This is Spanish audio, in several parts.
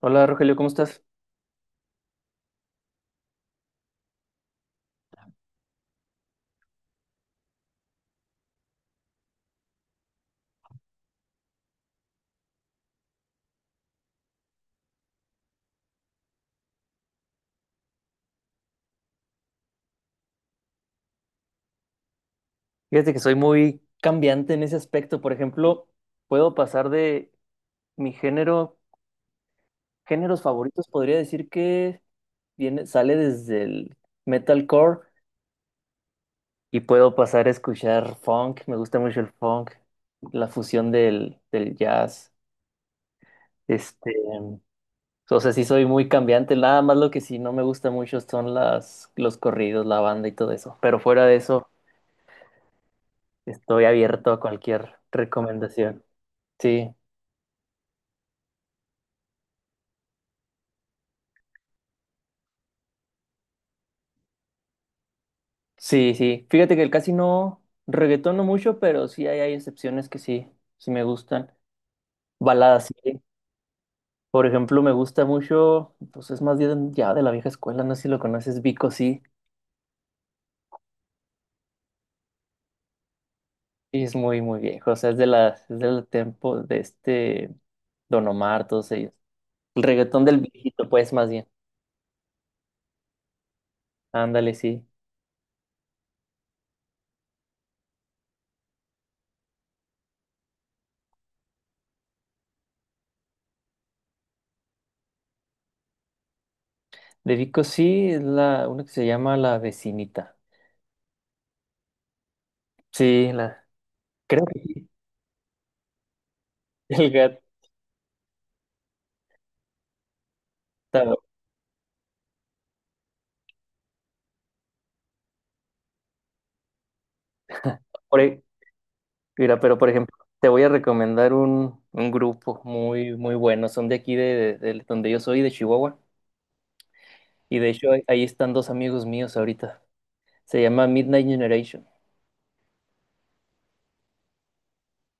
Hola Rogelio, ¿cómo estás? Fíjate que soy muy cambiante en ese aspecto. Por ejemplo, puedo pasar de mi género, géneros favoritos, podría decir que viene, sale desde el metalcore y puedo pasar a escuchar funk. Me gusta mucho el funk, la fusión del jazz. Este, o sea, sí soy muy cambiante. Nada más lo que sí no me gusta mucho son las, los corridos, la banda y todo eso. Pero fuera de eso, estoy abierto a cualquier recomendación. Sí. Sí, sí. Fíjate que el casi no reggaetón no mucho, pero sí hay excepciones que sí, sí me gustan. Baladas, sí. Por ejemplo, me gusta mucho, pues es más bien ya de la vieja escuela, no sé si lo conoces, Vico sí. Y es muy, muy viejo. O sea, es de la, es del tiempo de este Don Omar, todos ellos. El reggaetón del viejito, pues, más bien. Ándale, sí. De Vico sí, es la, una que se llama La Vecinita. Sí, la, creo que sí. El gato. Por, e Mira, pero por ejemplo, te voy a recomendar un grupo muy, muy bueno. Son de aquí, de donde yo soy, de Chihuahua. Y de hecho, ahí están dos amigos míos ahorita. Se llama Midnight Generation.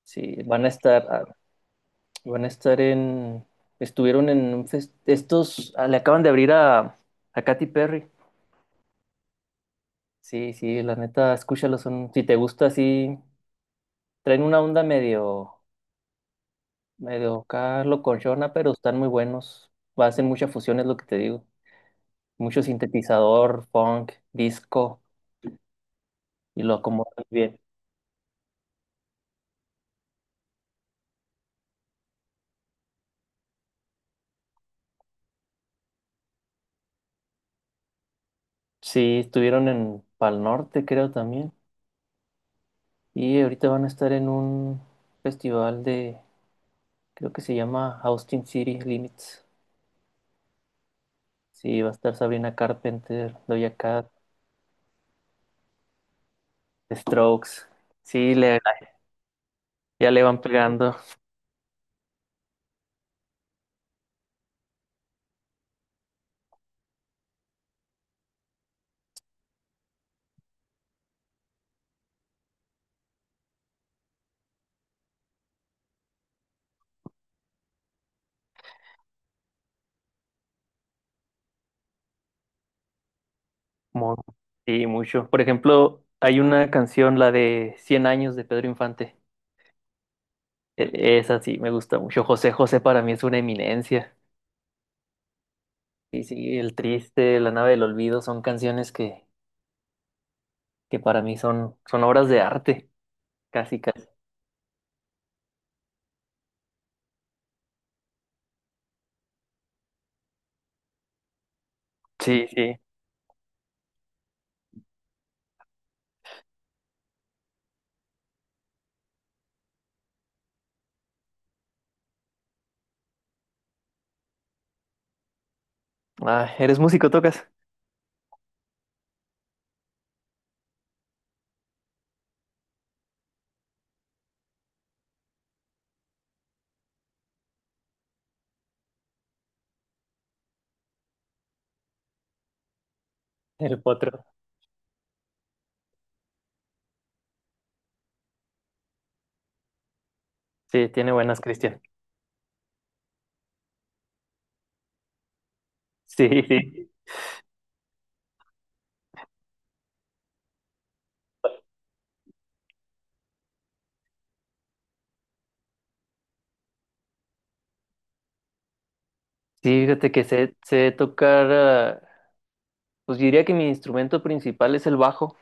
Sí, van a estar, van a estar en, estuvieron en un fest- estos, le acaban de abrir a Katy Perry. Sí, sí, la neta, escúchalo. Son, si te gusta, sí, traen una onda medio, medio acá locochona, pero están muy buenos. Hacen mucha fusión, es lo que te digo. Mucho sintetizador, funk, disco, y lo acomodan bien. Sí, estuvieron en Pal Norte, creo también, y ahorita van a estar en un festival de, creo que se llama Austin City Limits. Sí, va a estar Sabrina Carpenter, Doja Cat, The Strokes. Sí, le- ya le van pegando. mo- Sí, mucho. Por ejemplo, hay una canción, la de 100 años de Pedro Infante. Esa sí, me gusta mucho. José José para mí es una eminencia. Sí, sí, El Triste, La Nave del Olvido son canciones que para mí son, son obras de arte, casi, casi. Sí, sí. Ah, ¿eres músico, tocas? El potro. Sí, tiene buenas, Cristian. Sí, sí. Sí, fíjate que sé tocar, pues diría que mi instrumento principal es el bajo,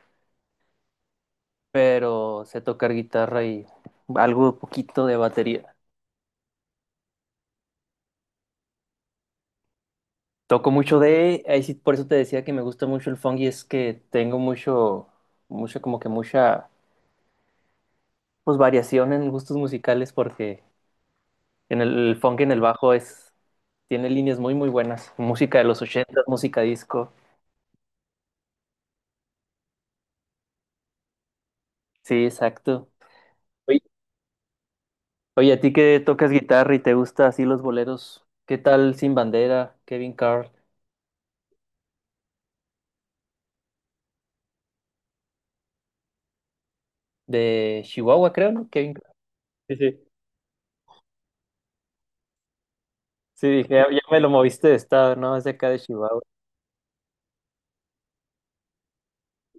pero sé tocar guitarra y algo poquito de batería. Toco mucho de, ahí sí, por eso te decía que me gusta mucho el funk y es que tengo mucho, mucho como que mucha pues variación en gustos musicales porque en el funk y en el bajo es tiene líneas muy muy buenas, música de los 80, música disco. Sí, exacto. Oye, oye, a ti que tocas guitarra y te gusta así los boleros, ¿qué tal Sin Bandera, Kevin Carl de Chihuahua, creo, ¿no? Kevin Carl. Sí, sí. Sí, dije, ya me lo moviste de estado, ¿no? Es de acá de Chihuahua.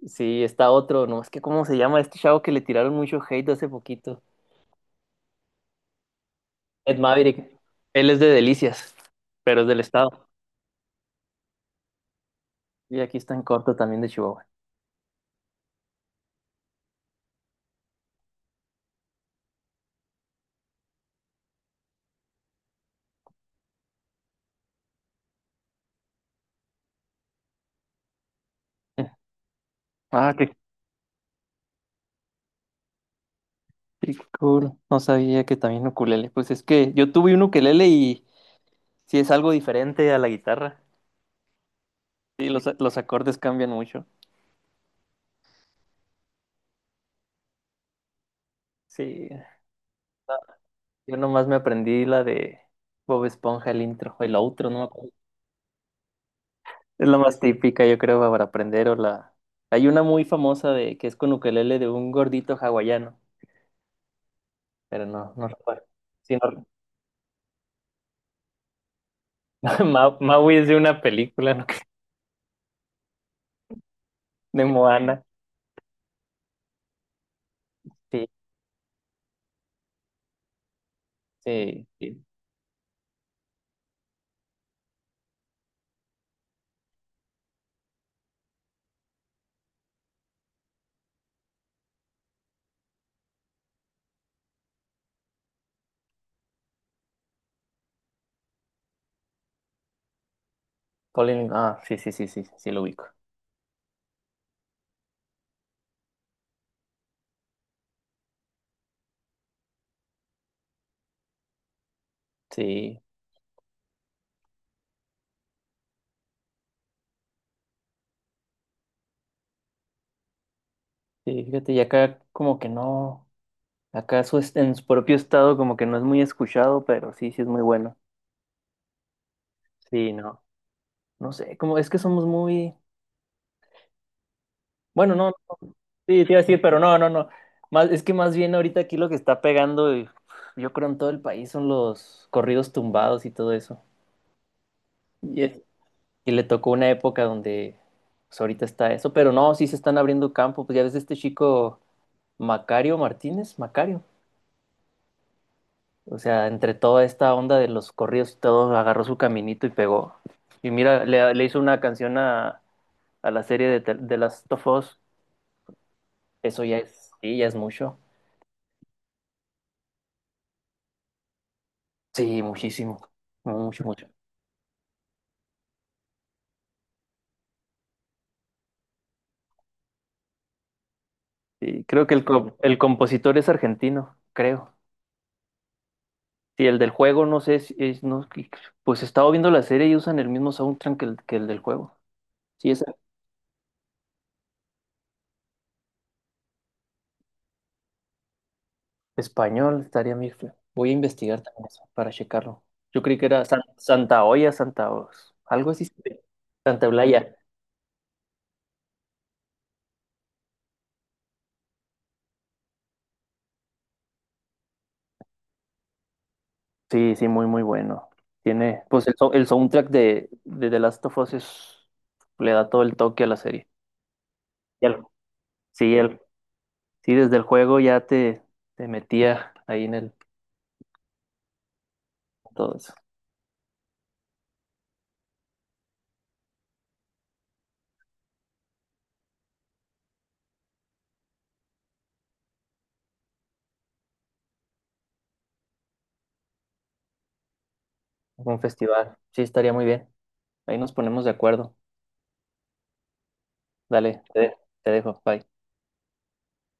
Sí, está otro, ¿no? Es que ¿cómo se llama este chavo que le tiraron mucho hate hace poquito? Ed Maverick. Él es de Delicias, pero es del estado. Y aquí está en corto también de Chihuahua. Eh, Ah, qué, qué cool. No sabía que también ukulele. Pues es que yo tuve un ukelele y sí es algo diferente a la guitarra. Sí, los acordes cambian mucho. Sí, yo nomás me aprendí la de Bob Esponja, el intro, el outro, no me acuerdo. Es la más típica, yo creo, para aprender o la... Hay una muy famosa de que es con ukelele de un gordito hawaiano, pero no, no recuerdo. Sí, no... Maui es de una película, ¿no? De Moana. Sí, sí, sí. Colin, ah, sí, sí, sí, sí, sí lo ubico. Sí, sí, fíjate, y acá como que no, acá su est- en su propio estado como que no es muy escuchado, pero sí, sí es muy bueno. Sí, no, no sé, como es que somos muy, bueno, no, sí, te iba a decir, pero no, no, no, más, es que más bien ahorita aquí lo que está pegando, y, yo creo en todo el país son los corridos tumbados y todo eso. Y, es- y le tocó una época donde, pues ahorita está eso, pero no, sí se están abriendo campo, pues ya ves este chico Macario Martínez, Macario. O sea, entre toda esta onda de los corridos y todo, agarró su caminito y pegó. Y mira, le hizo una canción a la serie de, las de Last of Us. Eso ya es, sí, ya es mucho. Sí, muchísimo. Mucho, mucho. Sí, creo que el compositor es argentino, creo. Sí, el del juego, no sé si es, no, que- pues he estado viendo la serie y usan el mismo soundtrack que que el del juego. Sí, es Español estaría Mirfla. Voy a investigar también eso para checarlo. Yo creí que era San- Santa Olla, Santa Os- algo así. Sí. Santa Eulaya. Sí, sí, muy, muy bueno. Tiene, pues el soundtrack de The Last of Us es- le da todo el toque a la serie. Y al- sí, el, sí, desde el juego ya te metía ahí en el todo eso. Un festival. Sí, estaría muy bien. Ahí nos ponemos de acuerdo. Dale, te dejo. Bye.